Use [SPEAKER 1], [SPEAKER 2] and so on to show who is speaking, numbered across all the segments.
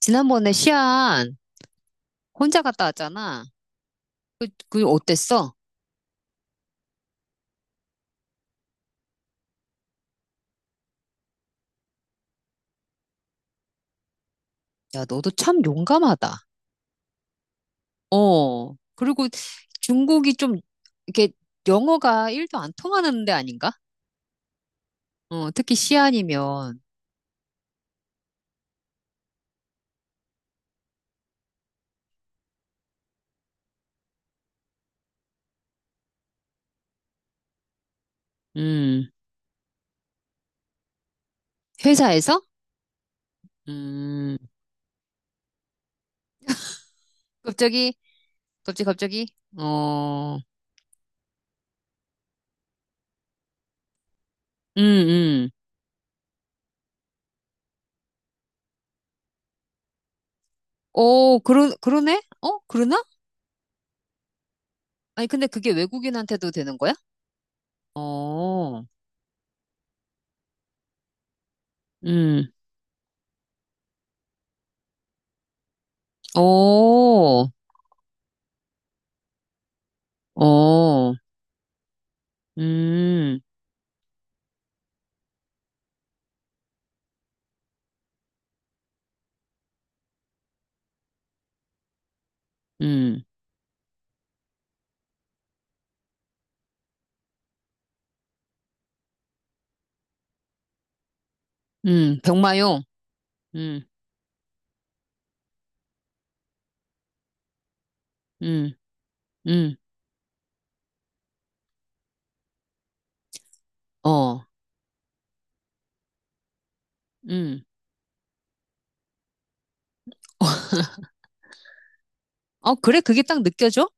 [SPEAKER 1] 지난번에 시안 혼자 갔다 왔잖아. 그 어땠어? 야, 너도 참 용감하다. 어. 그리고 중국이 좀 이렇게 영어가 1도 안 통하는 데 아닌가? 어, 특히 시안이면. 음. 회사에서. 음. 갑자기 갑자기 갑자기. 어. 음, 음. 어, 그러네? 어, 그러나? 아니 근데 그게 외국인한테도 되는 거야? 어. 음. 어. 어. 음. 음, 병마용. 음, 음, 음, 어, 음. 어, 그래, 그게 딱 느껴져?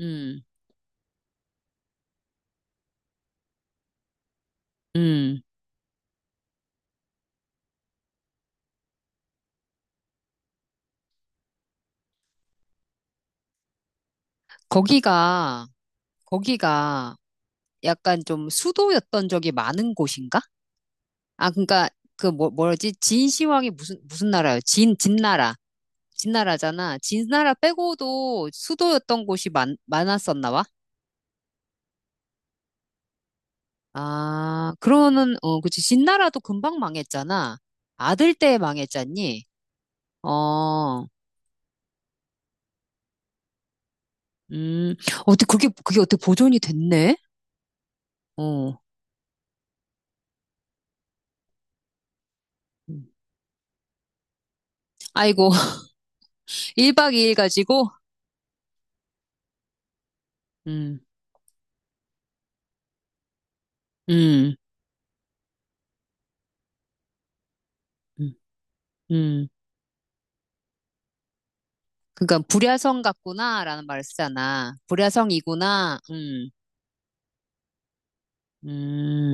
[SPEAKER 1] 음, 음. 거기가, 거기가 약간 좀 수도였던 적이 많은 곳인가? 아, 그러니까 그 뭐, 뭐지? 진시황이 무슨 나라예요? 진나라. 진나라잖아. 진나라 빼고도 수도였던 곳이 많았었나 봐? 아, 그러면은, 어, 그치. 진나라도 금방 망했잖아. 아들 때 망했잖니? 어. 음, 어떻게, 그게 어떻게 보존이 됐네? 어. 음. 아이고, 1박 2일 가지고, 음, 음, 음, 음. 그러니까 불야성 같구나라는 말을 쓰잖아. 불야성이구나, 음.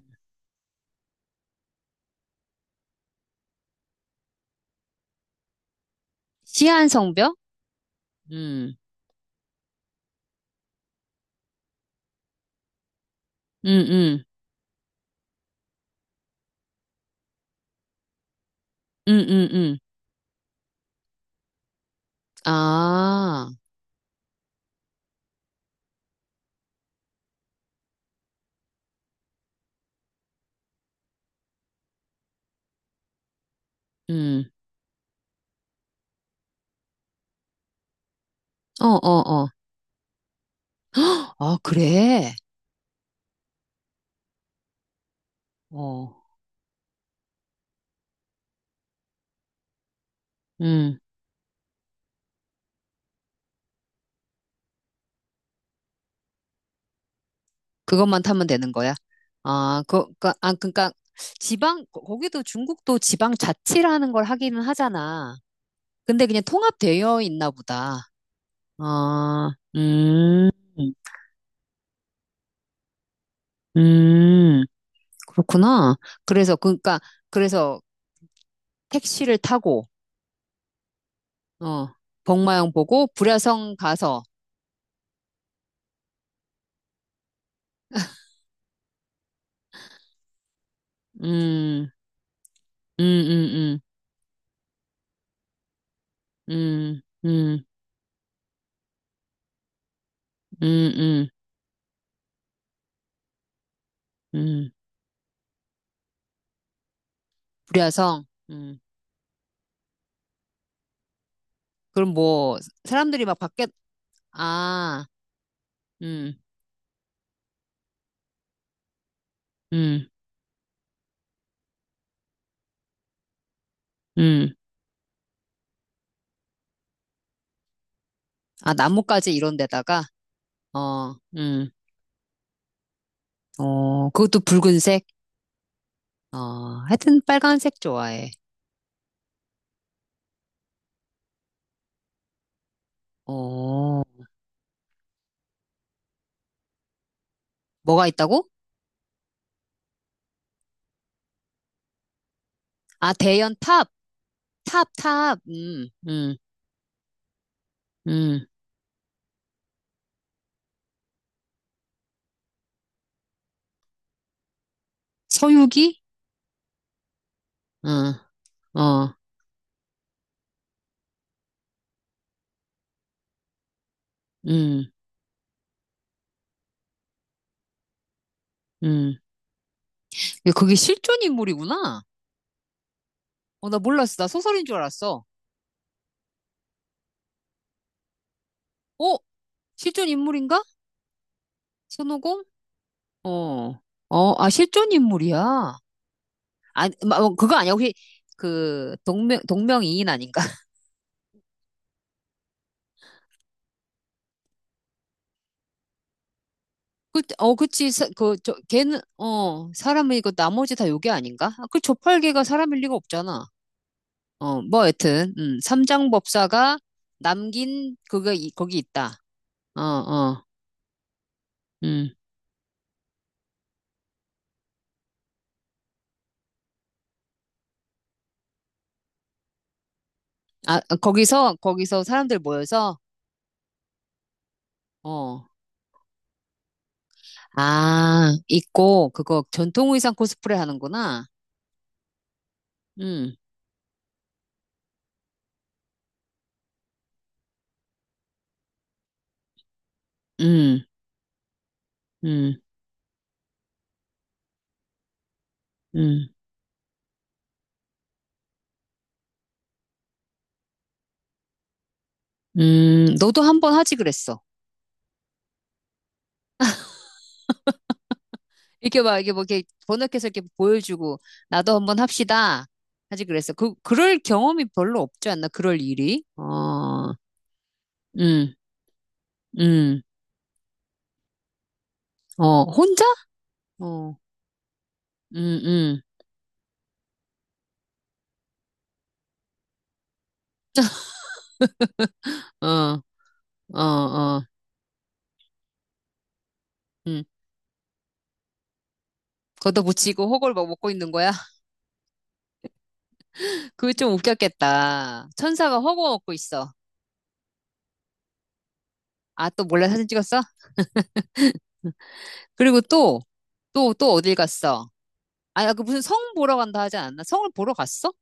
[SPEAKER 1] 시한성벽? 음, 음, 음, 음, 음, 음. 아, 음, 어, 어, 어. 아, 그래? 어, 음. 그것만 타면 되는 거야? 아, 그니까, 아, 그니까, 지방, 거기도 중국도 지방 자치라는 걸 하기는 하잖아. 근데 그냥 통합되어 있나 보다. 아, 음, 음, 그렇구나. 그니까, 그래서 택시를 타고, 어, 복마영 보고, 불야성 가서, 음, 음, 음, 음, 음, 음, 음, 음, 음, 불야성, 음. 그럼 뭐, 사람들이 막 밖에, 아, 음, 음, 음. 아, 나뭇가지 이런 데다가, 어, 어, 그것도 붉은색? 어, 하여튼 빨간색 좋아해. 어, 뭐가 있다고? 아, 대연 탑, 탑, 탑, 음. 서유기? 어, 어, 음, 음. 야, 그게 실존 인물이구나. 어, 나 몰랐어. 나 소설인 줄 알았어. 어? 실존 인물인가? 손오공? 어, 어, 아, 실존 인물이야. 아, 어, 그거 아니야. 혹시 그 동명이인 아닌가? 그, 어, 그치. 그, 저, 걔는 어 사람이고 나머지 다 요괴 아닌가? 아, 그 조팔계가 사람일 리가 없잖아. 어, 뭐 여튼 삼장법사가 남긴 그거 거기 있다. 어, 어, 음, 아 아, 거기서 사람들 모여서. 어, 아 있고 그거 전통 의상 코스프레 하는구나. 음, 음, 음, 음, 너도 한 번 하지 그랬어. 이렇게 막, 이게 뭐, 이렇게 번역해서 이렇게 보여주고, 나도 한번 합시다. 하지 그랬어. 그럴 경험이 별로 없지 않나? 그럴 일이? 어, 음, 음, 어, 혼자? 어, 음, 어, 어, 어, 음. 걷어붙이고 허골 막 먹고 있는 거야? 그게 좀 웃겼겠다. 천사가 허거 먹고 있어. 아, 또 몰래 사진 찍었어? 그리고 또, 또, 또 어딜 갔어? 아, 야, 그 무슨 성 보러 간다 하지 않았나? 성을 보러 갔어?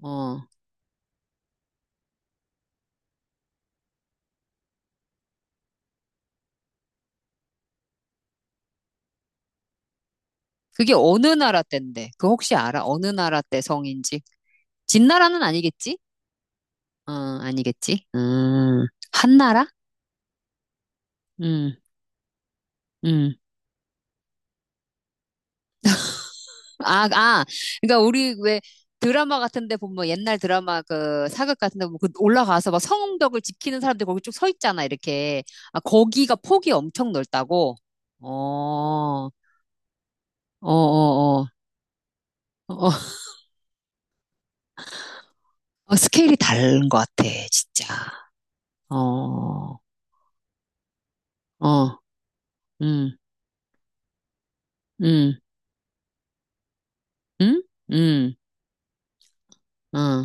[SPEAKER 1] 어. 그게 어느 나라 때인데? 그 혹시 알아? 어느 나라 때 성인지? 진나라는 아니겠지? 어, 아니겠지? 한나라? 음, 음. 아, 아. 그러니까 우리 왜 드라마 같은데 보면 뭐 옛날 드라마 그 사극 같은데 보면 그 올라가서 막 성벽을 지키는 사람들 거기 쭉 서 있잖아, 이렇게. 아, 거기가 폭이 엄청 넓다고? 어, 어, 어, 어. 어, 어, 어, 스케일이 다른 것 같아, 진짜. 어, 어, 음, 음, 음? 음. 어.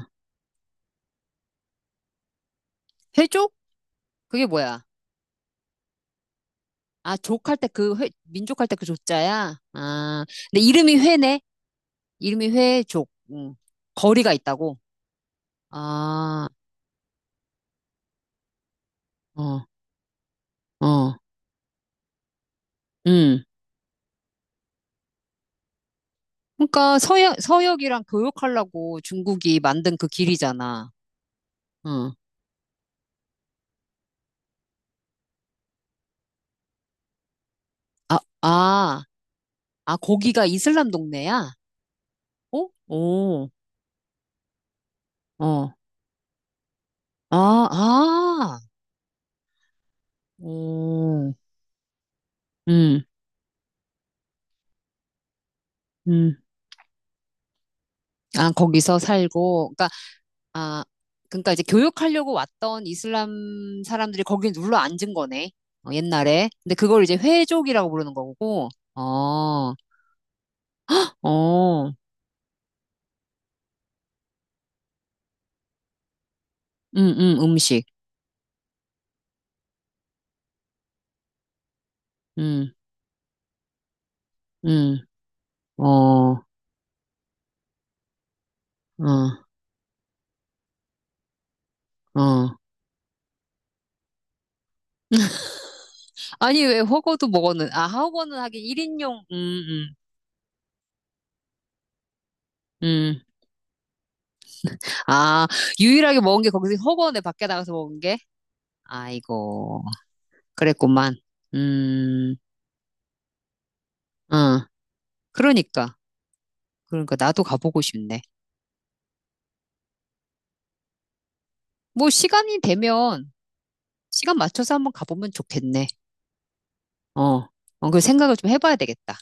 [SPEAKER 1] 회족? 그게 뭐야? 아, 족할 때 그 회, 민족할 때 그 조자야? 아, 근데 이름이 회네? 이름이 회족. 음. 거리가 있다고? 아, 어, 어, 음. 그러니까 서역이랑 교역하려고 중국이 만든 그 길이잖아. 어. 아, 아, 아, 거기가 이슬람 동네야? 어? 오, 어. 아, 아, 오, 음, 음. 아, 거기서 살고. 그러니까 아, 그러니까 이제 교육하려고 왔던 이슬람 사람들이 거기에 눌러 앉은 거네. 어, 옛날에. 근데 그걸 이제 회족이라고 부르는 거고. 어, 어, 음식. 음, 음, 어, 어, 어. 아니, 왜 허거도 먹었는, 아, 허거는 하긴 1인용, 음, 음. 아, 유일하게 먹은 게 거기서 허거네, 밖에 나가서 먹은 게? 아이고, 그랬구만. 음, 어, 그러니까. 그러니까 나도 가보고 싶네. 뭐 시간이 되면 시간 맞춰서 한번 가보면 좋겠네. 어, 어, 그 생각을 좀 해봐야 되겠다.